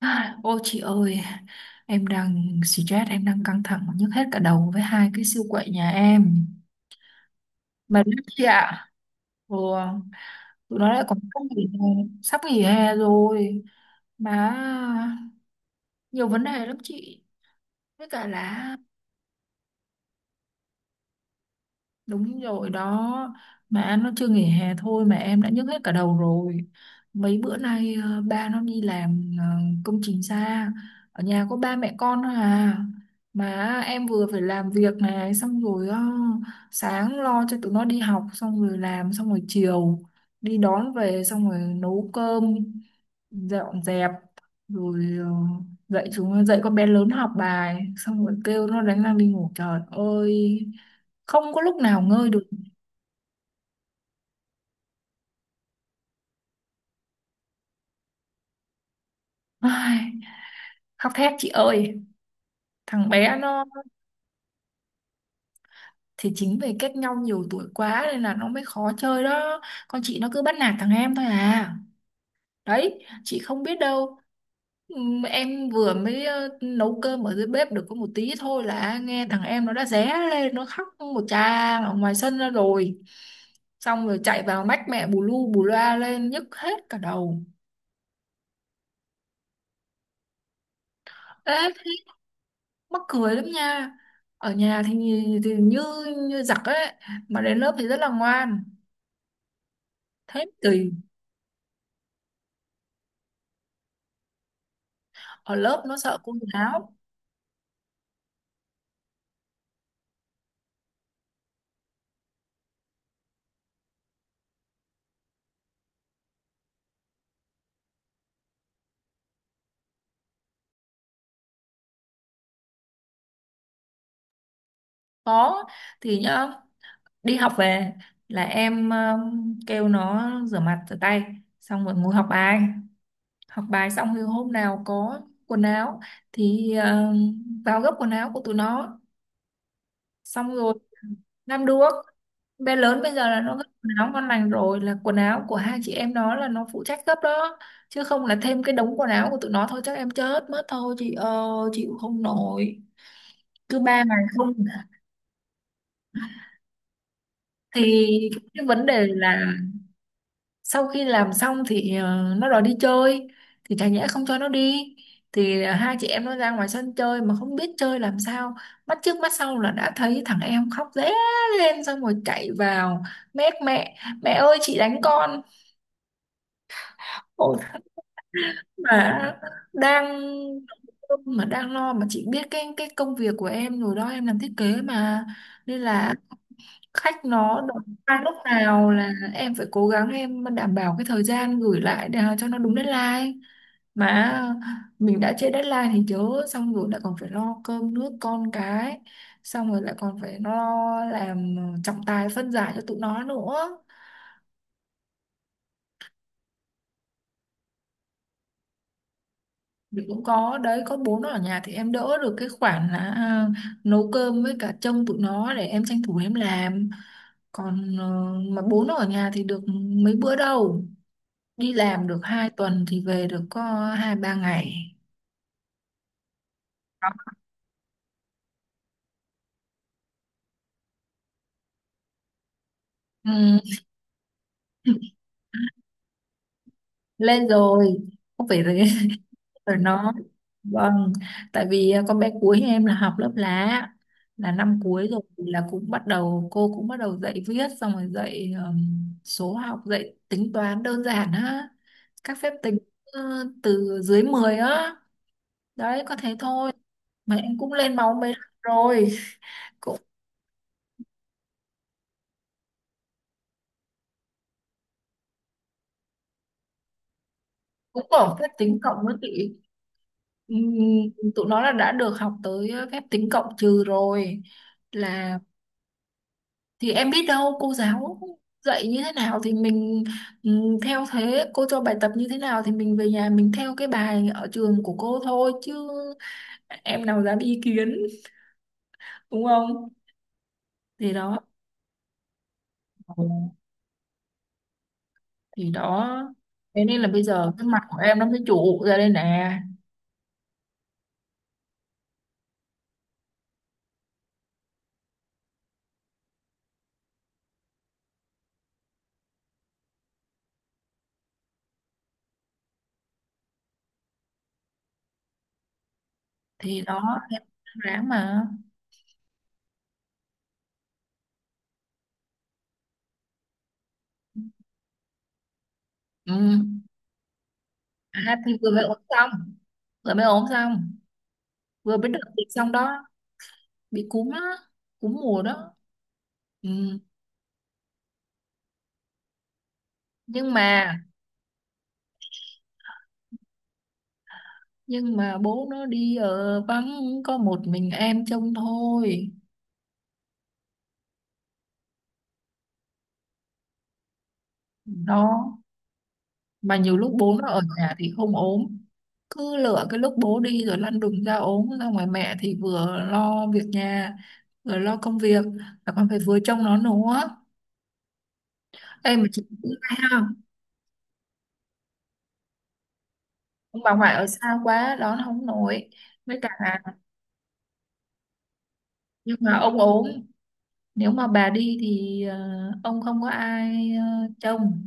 Ô chị ơi, em đang stress, em đang căng thẳng nhức hết cả đầu với hai cái siêu quậy nhà em. Mệt lắm chị ạ. Ừ, tụi nó lại còn sắp nghỉ hè rồi. Mà nhiều vấn đề lắm chị. Với cả là đúng rồi đó. Mà anh nó chưa nghỉ hè thôi mà em đã nhức hết cả đầu rồi. Mấy bữa nay ba nó đi làm, công trình xa. Ở nhà có ba mẹ con thôi à. Mà em vừa phải làm việc này xong rồi, sáng lo cho tụi nó đi học, xong rồi làm xong rồi chiều đi đón về, xong rồi nấu cơm, dọn dẹp, rồi dạy con bé lớn học bài, xong rồi kêu nó đánh răng đi ngủ. Trời ơi, không có lúc nào ngơi được. Ai, khóc thét chị ơi, thằng bé nó thì chính vì cách nhau nhiều tuổi quá nên là nó mới khó chơi đó. Con chị nó cứ bắt nạt thằng em thôi à, đấy chị không biết đâu. Em vừa mới nấu cơm ở dưới bếp được có một tí thôi là nghe thằng em nó đã ré lên, nó khóc một tràng ở ngoài sân ra rồi, xong rồi chạy vào mách mẹ bù lu bù loa lên, nhức hết cả đầu. Ê thế, mắc cười lắm nha. Ở nhà thì như như giặc ấy, mà đến lớp thì rất là ngoan. Thế tùy, ở lớp nó sợ cô giáo. Có, thì nhá, đi học về là em kêu nó rửa mặt rửa tay, xong rồi ngồi học bài. Học bài xong thì hôm nào có quần áo thì vào gấp quần áo của tụi nó. Xong rồi làm được, bé lớn bây giờ là nó gấp quần áo ngon lành rồi, là quần áo của hai chị em nó là nó phụ trách gấp đó. Chứ không là thêm cái đống quần áo của tụi nó thôi chắc em chết mất thôi chị ơi, chịu không nổi. Cứ ba ngày không thì cái vấn đề là sau khi làm xong thì nó đòi đi chơi, thì chả nhẽ không cho nó đi. Thì hai chị em nó ra ngoài sân chơi mà không biết chơi làm sao, mắt trước mắt sau là đã thấy thằng em khóc ré lên xong rồi chạy vào mét mẹ, mẹ ơi chị đánh con. Ôi, mà đang mà đang lo mà chị biết cái công việc của em rồi đó, em làm thiết kế mà. Nên là khách nó đòi qua lúc nào là em phải cố gắng em đảm bảo cái thời gian gửi lại để cho nó đúng deadline. Mà mình đã trễ deadline thì chớ, xong rồi lại còn phải lo cơm nước con cái, xong rồi lại còn phải lo làm trọng tài phân giải cho tụi nó nữa. Mình cũng có đấy, có bố nó ở nhà thì em đỡ được cái khoản là nấu cơm với cả trông tụi nó để em tranh thủ em làm. Còn mà bố nó ở nhà thì được mấy bữa đâu, đi làm được 2 tuần thì về được có hai ba ngày. Ừ. Lên rồi, không phải rồi. Rồi nó, vâng, tại vì con bé cuối em là học lớp lá, là năm cuối rồi thì là cũng bắt đầu cô cũng bắt đầu dạy viết, xong rồi dạy số học, dạy tính toán đơn giản á, các phép tính, ờ, từ dưới 10 á, đấy có thế thôi, mà em cũng lên máu mấy lần rồi. Cũng Cũng có phép tính cộng với tỷ. Ừm, Tụi nó là đã được học tới phép tính cộng trừ rồi, là thì em biết đâu cô giáo dạy như thế nào thì mình theo thế, cô cho bài tập như thế nào thì mình về nhà mình theo cái bài ở trường của cô thôi chứ, em nào dám ý kiến, đúng không. Thì đó. Ừ. Thì đó, thế nên là bây giờ cái mặt của em nó mới trụ ra đây nè. Thì đó, em ráng mà. Ừ, thì vừa mới ốm xong, vừa mới ốm xong, vừa mới được dịch xong đó, bị cúm á, cúm mùa đó. Ừ. nhưng mà nhưng mà bố nó đi ở vắng có một mình em trông thôi. Đó, mà nhiều lúc bố nó ở nhà thì không ốm, cứ lựa cái lúc bố đi rồi lăn đùng ra ốm, ra ngoài mẹ thì vừa lo việc nhà, vừa lo công việc, là còn phải vừa trông nó nữa. Ê mà chị cũng hay không, ông bà ngoại ở xa quá đón không nổi, với cả nhưng mà ông ốm. Nếu mà bà đi thì ông không có ai trông,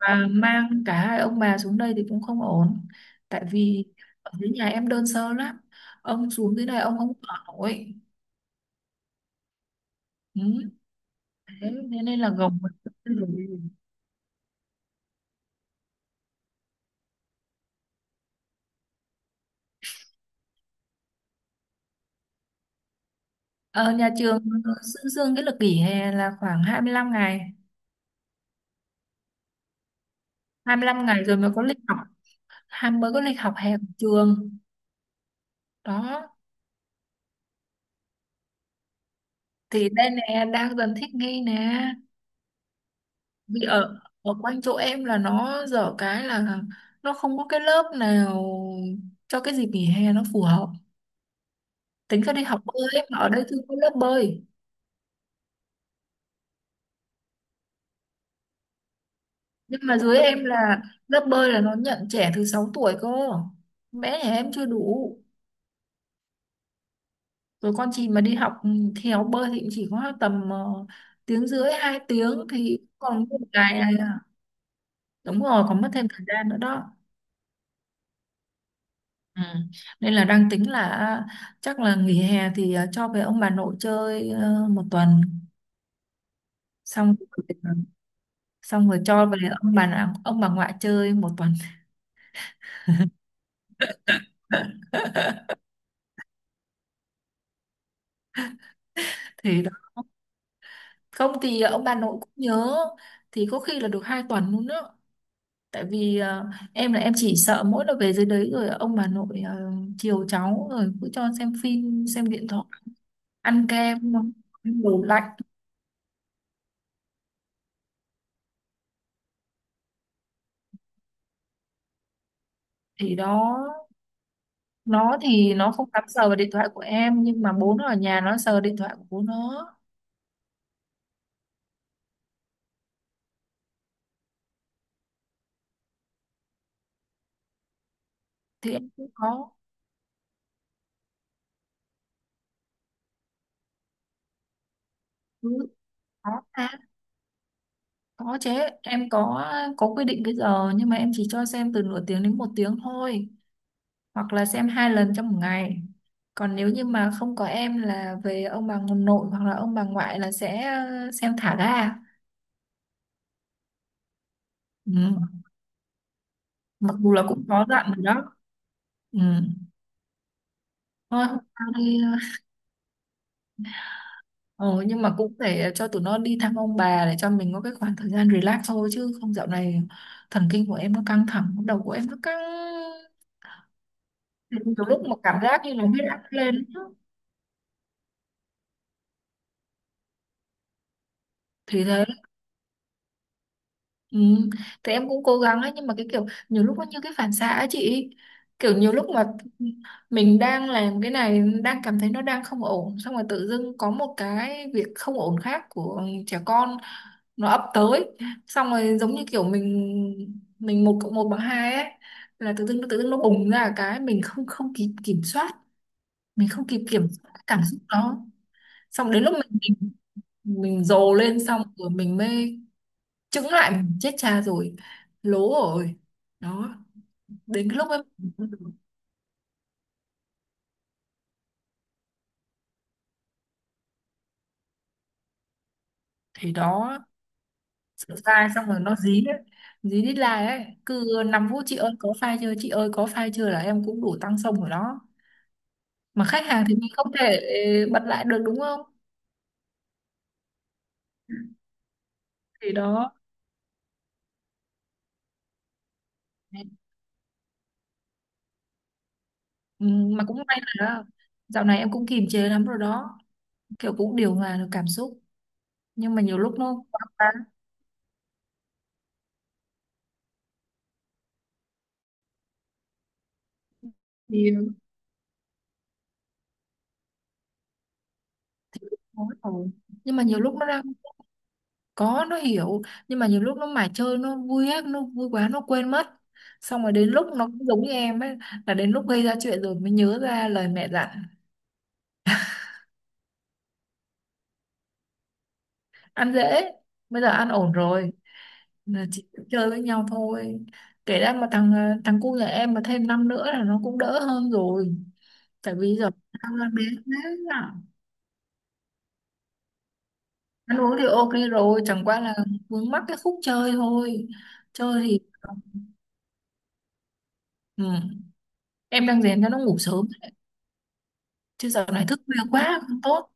và mang cả hai ông bà xuống đây thì cũng không ổn. Tại vì ở dưới nhà em đơn sơ lắm. Ông xuống dưới này ông không ở nổi. Ừ. Thế thế nên là gồng mình. Ờ, nhà trường dương dương cái lịch nghỉ hè là khoảng 25 ngày. 25 ngày rồi mới có lịch học, hai mới có lịch học hè của trường. Đó. Thì đây nè đang dần thích nghi nè. Vì ở ở quanh chỗ em là nó dở cái là nó không có cái lớp nào cho cái dịp nghỉ hè nó phù hợp. Tính ra đi học bơi, em ở đây chưa có lớp bơi. Nhưng mà dưới em là lớp bơi là nó nhận trẻ từ 6 tuổi cơ, bé nhà em chưa đủ. Rồi con chị mà đi học theo bơi thì cũng chỉ có tầm tiếng rưỡi hai tiếng thì còn một ngày này à. Đúng rồi, còn mất thêm thời gian nữa đó. Ừ. Nên là đang tính là chắc là nghỉ hè thì cho về ông bà nội chơi một tuần, xong, xong rồi cho về ông bà ngoại chơi một tuần. Thì đó. Không thì ông bà nội cũng nhớ, thì có khi là được hai tuần luôn đó. Tại vì em là em chỉ sợ mỗi lần về dưới đấy rồi ông bà nội chiều cháu rồi cứ cho xem phim xem điện thoại, ăn kem, ăn đồ lạnh. Thì đó, nó thì nó không dám sờ vào điện thoại của em nhưng mà bố nó ở nhà nó sờ điện thoại của bố nó. Thì em cũng có. Ừ, có, có chứ, em có quy định cái giờ, nhưng mà em chỉ cho xem từ nửa tiếng đến một tiếng thôi, hoặc là xem hai lần trong một ngày. Còn nếu như mà không có em là về ông bà nội hoặc là ông bà ngoại là sẽ xem thả ga. Ừ. Mặc dù là cũng có dặn rồi đó. Ừ. Thôi hôm sau đi. Ờ, Ờ, nhưng mà cũng để cho tụi nó đi thăm ông bà để cho mình có cái khoảng thời gian relax thôi chứ không, dạo này thần kinh của em nó căng thẳng, đầu của em nó căng. Đến từ lúc mà cảm giác như nó huyết áp lên. Thì thế. Ừ. Thì em cũng cố gắng ấy nhưng mà cái kiểu nhiều lúc nó như cái phản xạ ấy chị, kiểu nhiều lúc mà mình đang làm cái này đang cảm thấy nó đang không ổn, xong rồi tự dưng có một cái việc không ổn khác của trẻ con nó ập tới, xong rồi giống như kiểu mình một cộng một bằng hai ấy, là tự dưng nó bùng ra cái mình không không kịp kiểm soát, mình không kịp kiểm soát cái cảm xúc đó. Xong đến lúc mình mình dồn lên xong rồi mình mới chững lại, mình chết cha rồi, lố rồi. Đó, đến cái lúc ấy. Thì đó, sửa sai xong rồi nó dí đấy, dí đít lai ấy, cứ 5 phút chị ơi có file chưa, chị ơi có file chưa, là em cũng đủ tăng xong rồi đó. Mà khách hàng thì mình không thể bật lại được, đúng không. Thì đó. Ừ, mà cũng may là dạo này em cũng kiềm chế lắm rồi đó, kiểu cũng điều hòa được cảm xúc, nhưng mà nhiều lúc nó quá quá thì thôi rồi. Nhưng mà nhiều lúc nó ra có, nó hiểu. Nhưng mà nhiều lúc nó mải chơi, nó vui á, nó vui quá, nó quên mất. Xong rồi đến lúc nó cũng giống như em ấy, là đến lúc gây ra chuyện rồi mới nhớ ra lời mẹ dặn. Ăn dễ, bây giờ ăn ổn rồi. Là chỉ chơi với nhau thôi. Kể ra mà thằng thằng cu nhà em mà thêm năm nữa là nó cũng đỡ hơn rồi. Tại vì giờ tao là bé thế à. Ăn uống thì ok rồi, chẳng qua là vướng mắc cái khúc chơi thôi. Chơi thì... Ừ. Em đang rèn cho nó ngủ sớm, chứ giờ này thức khuya quá không tốt.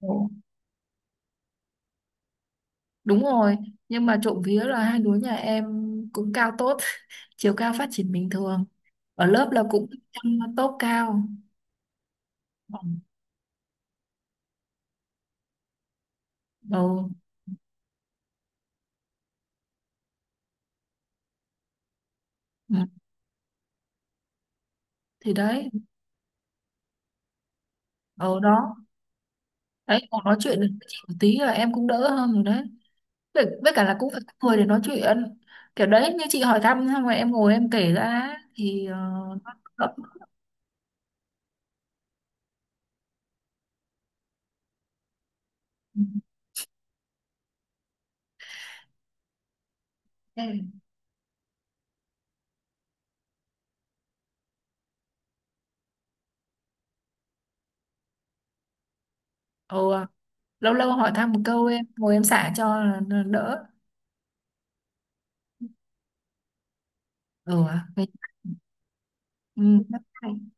Ồ, đúng rồi, nhưng mà trộm vía là hai đứa nhà em cũng cao tốt, chiều cao phát triển bình thường, ở lớp là cũng trong top cao. Ừ. Ừ. Thì đấy, ở đó, đấy còn nói chuyện được với chị một tí là em cũng đỡ hơn rồi đấy. Với cả là cũng phải có người để nói chuyện, kiểu đấy, như chị hỏi thăm xong rồi em ngồi em kể ra thì nó đỡ. Ừ. Ok. Ừ, lâu lâu hỏi thăm một câu em ngồi em xả cho là đỡ. Ừ. Ừ, bye bye.